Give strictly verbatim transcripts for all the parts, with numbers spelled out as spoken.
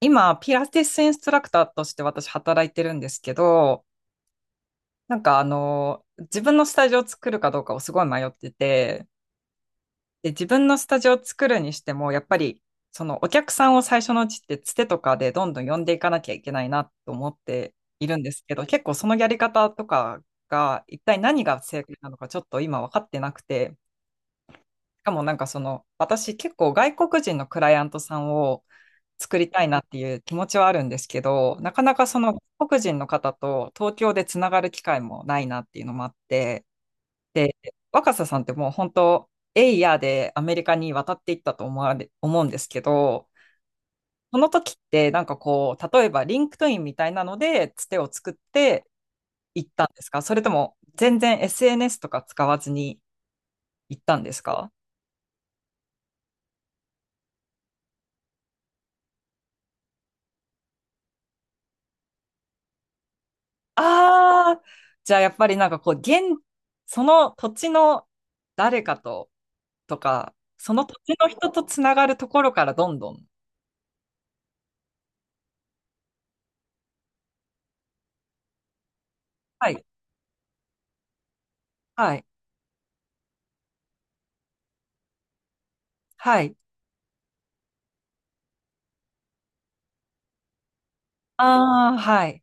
今、ピラティスインストラクターとして私働いてるんですけど、なんかあの、自分のスタジオを作るかどうかをすごい迷ってて、で、自分のスタジオを作るにしても、やっぱり、そのお客さんを最初のうちってつてとかでどんどん呼んでいかなきゃいけないなと思っているんですけど、結構そのやり方とかが一体何が正解なのかちょっと今分かってなくて、しかもなんかその、私結構外国人のクライアントさんを作りたいなっていう気持ちはあるんですけど、なかなかその外国人の方と東京でつながる機会もないなっていうのもあって、若狭さんってもう本当、エイヤーでアメリカに渡っていったと思われ、思うんですけど、その時ってなんかこう、例えばリンクトインみたいなのでつてを作って行ったんですか？それとも全然 エスエヌエス とか使わずに行ったんですか？ああー、じゃあやっぱりなんかこう、現、その土地の誰かととか、その土地の人とつながるところからどんどん。はい。はい。はい。ああ、はい。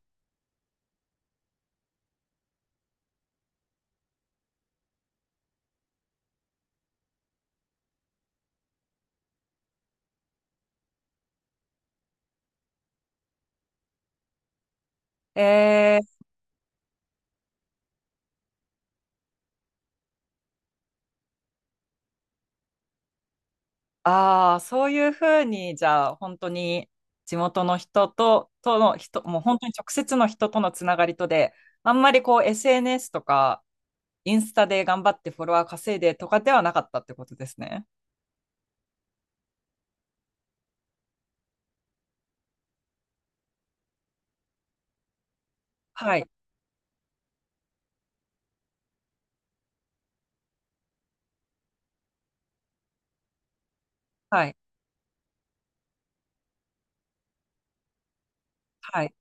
えー、ああ、そういうふうに、じゃあ、本当に地元の人と、との人、もう本当に直接の人とのつながりとで、あんまりこう エスエヌエス とか、インスタで頑張ってフォロワー稼いでとかではなかったってことですね。はい。はい。はい。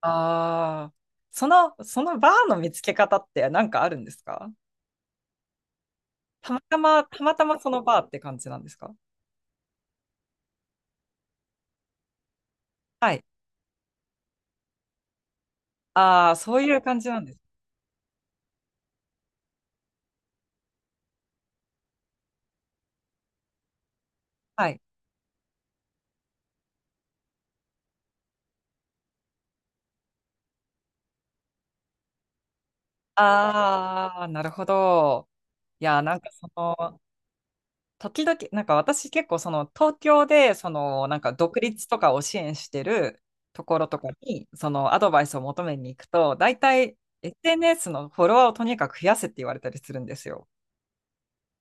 ああ、その、そのバーの見つけ方って何かあるんですか？たまたま、たまたまそのバーって感じなんですか？はい。ああ、そういう感じなんです。はい。ああ、なるほど。いやなんかその、時々、なんか私結構その、東京で、その、なんか独立とかを支援してるところとかに、その、アドバイスを求めに行くと、大体、エスエヌエス のフォロワーをとにかく増やせって言われたりするんですよ。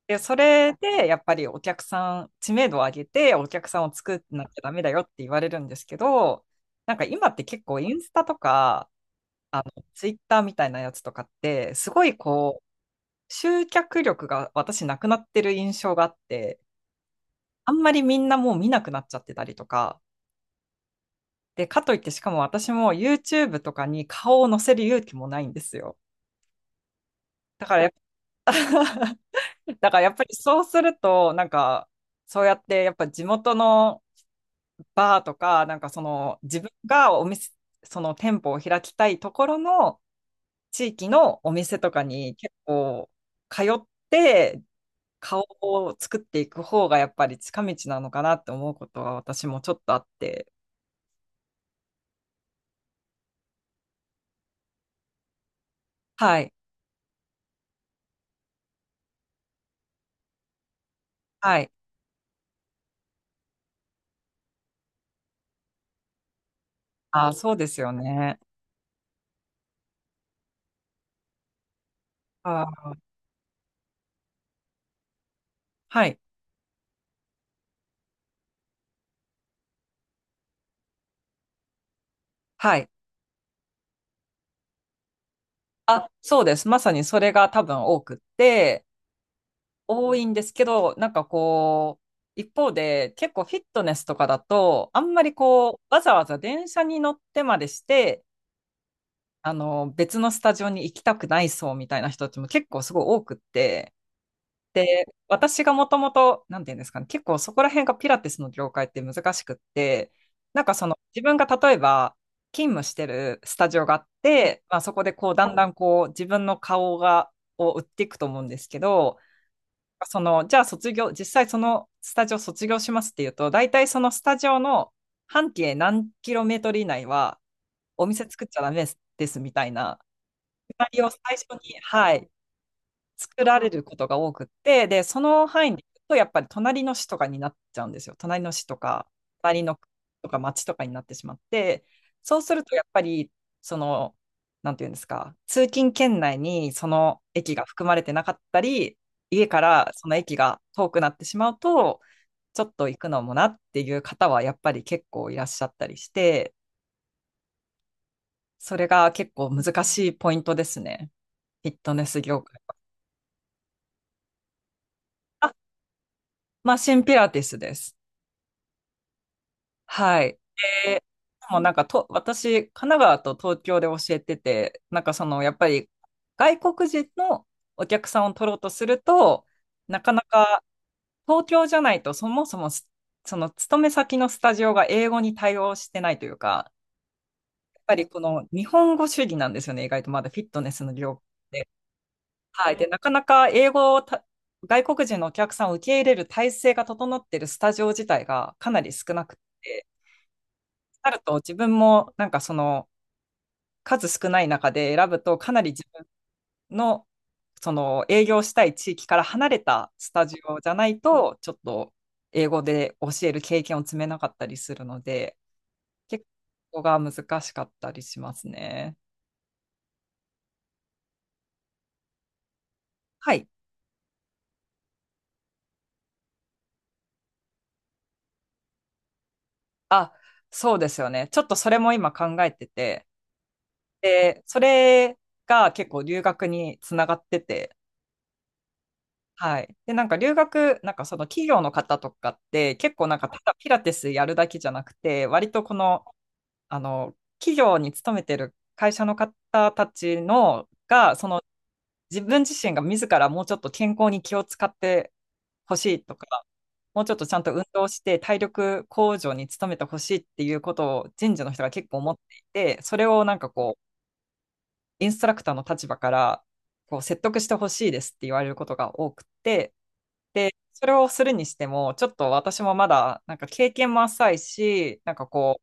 で、それで、やっぱりお客さん、知名度を上げて、お客さんを作んなきゃダメだよって言われるんですけど、なんか今って結構インスタとか、あの、ツイッターみたいなやつとかって、すごいこう、集客力が私なくなってる印象があって、あんまりみんなもう見なくなっちゃってたりとか、で、かといってしかも私も ユーチューブ とかに顔を載せる勇気もないんですよ。だからやっぱ、だからやっぱりそうすると、なんか、そうやってやっぱ地元のバーとか、なんかその自分がお店、その店舗を開きたいところの地域のお店とかに結構通って顔を作っていく方がやっぱり近道なのかなって思うことは私もちょっとあって。はい。はい。あ、そうですよね。あ、はい。はい。あ、そうです。まさにそれが多分多くって、多いんですけど、なんかこう、一方で結構フィットネスとかだと、あんまりこう、わざわざ電車に乗ってまでして、あの、別のスタジオに行きたくないそうみたいな人たちも結構すごい多くって、私がもともと、なんていうんですかね、結構そこら辺がピラティスの業界って難しくって、なんかその自分が例えば勤務してるスタジオがあって、まあそこでこう、だんだんこう、自分の顔が、を売っていくと思うんですけど、その、じゃあ卒業、実際そのスタジオ卒業しますっていうと、大体そのスタジオの半径何キロメートル以内はお店作っちゃダメですみたいな、シナリオを最初に、はい、作られることが多くって、で、その範囲に行くと、やっぱり隣の市とかになっちゃうんですよ。隣の市とか、隣の区とか町とかになってしまって、そうすると、やっぱり、その、なんていうんですか、通勤圏内にその駅が含まれてなかったり、家からその駅が遠くなってしまうと、ちょっと行くのもなっていう方は、やっぱり結構いらっしゃったりして、それが結構難しいポイントですね。フィットネス業界は。あ、マシンピラティスです。はい。で、もうなんかと、私、神奈川と東京で教えてて、なんかその、やっぱり外国人のお客さんを取ろうとすると、なかなか東京じゃないと、そもそもすその勤め先のスタジオが英語に対応してないというか、やっぱりこの日本語主義なんですよね、意外とまだフィットネスの業界。はい。で、なかなか英語をた外国人のお客さんを受け入れる体制が整っているスタジオ自体がかなり少なくて、なると自分もなんかその、数少ない中で選ぶと、かなり自分のその営業したい地域から離れたスタジオじゃないと、ちょっと英語で教える経験を積めなかったりするので、結構が難しかったりしますね。はい。あ、そうですよね。ちょっとそれも今考えてて、で、それが結構留学につながってて、はい。で、なんか留学、なんかその企業の方とかって、結構なんかただピラティスやるだけじゃなくて、割とこのあの、企業に勤めてる会社の方たちのが、その自分自身が自らもうちょっと健康に気を使ってほしいとか、もうちょっとちゃんと運動して体力向上に努めてほしいっていうことを人事の人が結構思っていて、それをなんかこう、インストラクターの立場からこう説得してほしいですって言われることが多くて、で、それをするにしても、ちょっと私もまだなんか経験も浅いし、なんかこ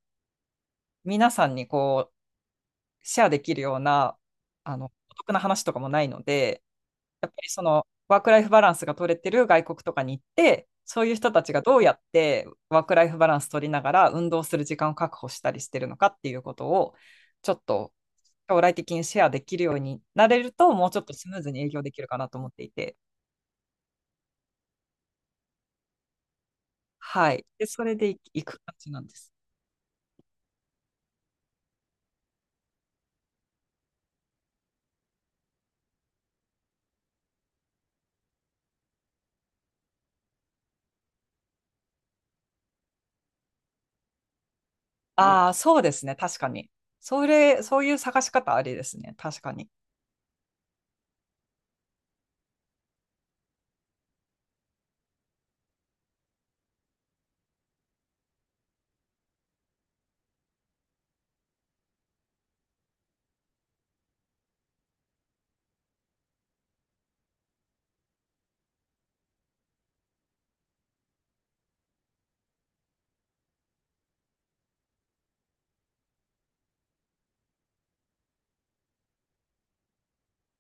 う、皆さんにこう、シェアできるような、あの、お得な話とかもないので、やっぱりその、ワークライフバランスが取れてる外国とかに行って、そういう人たちがどうやってワークライフバランス取りながら運動する時間を確保したりしてるのかっていうことを、ちょっと将来的にシェアできるようになれると、もうちょっとスムーズに営業できるかなと思っていて、はい。で、それで行く感じなんです。ああ、そうですね。確かに。それ、そういう探し方ありですね。確かに。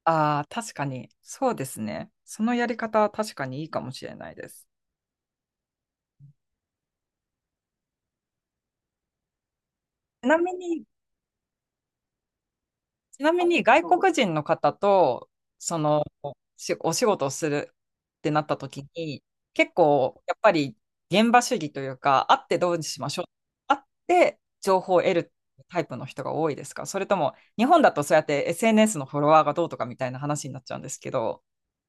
ああ、確かに。そうですね。そのやり方は確かにいいかもしれないです。ちなみに、ちなみに外国人の方と、その、しお仕事をするってなった時に、結構、やっぱり現場主義というか、会ってどうしましょう。会って情報を得るタイプの人が多いですか？それとも、日本だとそうやって エスエヌエス のフォロワーがどうとかみたいな話になっちゃうんですけど、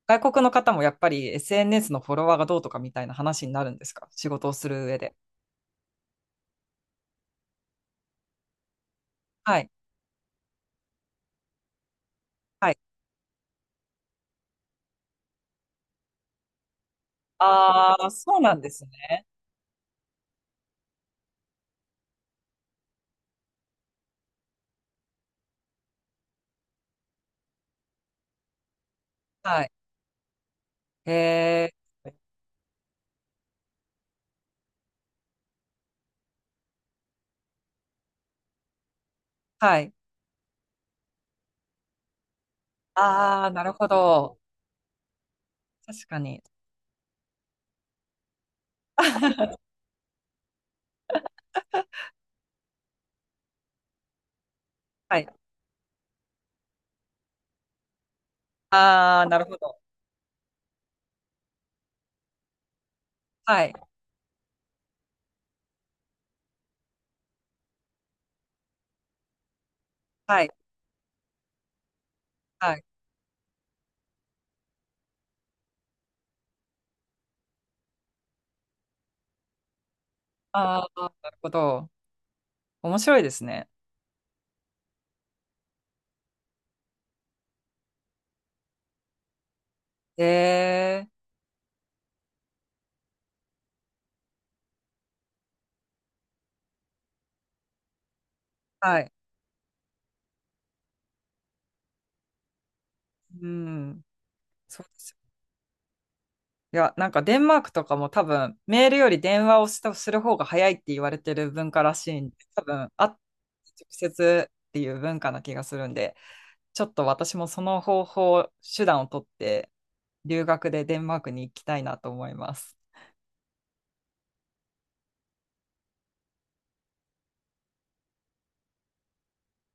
外国の方もやっぱり エスエヌエス のフォロワーがどうとかみたいな話になるんですか？仕事をする上で。はい。はい。ああ、そうなんですね。はい。へえ。はい。ああ、なるほど。確かに。はい。ああ、なるほど。はい。はい。はい。ああ、なるほど。面白いですね。へえ。はい。うん。そうですよ。いや、なんかデンマークとかも多分、メールより電話をしたする方が早いって言われてる文化らしいんで、多分、あ、直接っていう文化な気がするんで、ちょっと私もその方法、手段を取って、留学でデンマークに行きたいなと思います。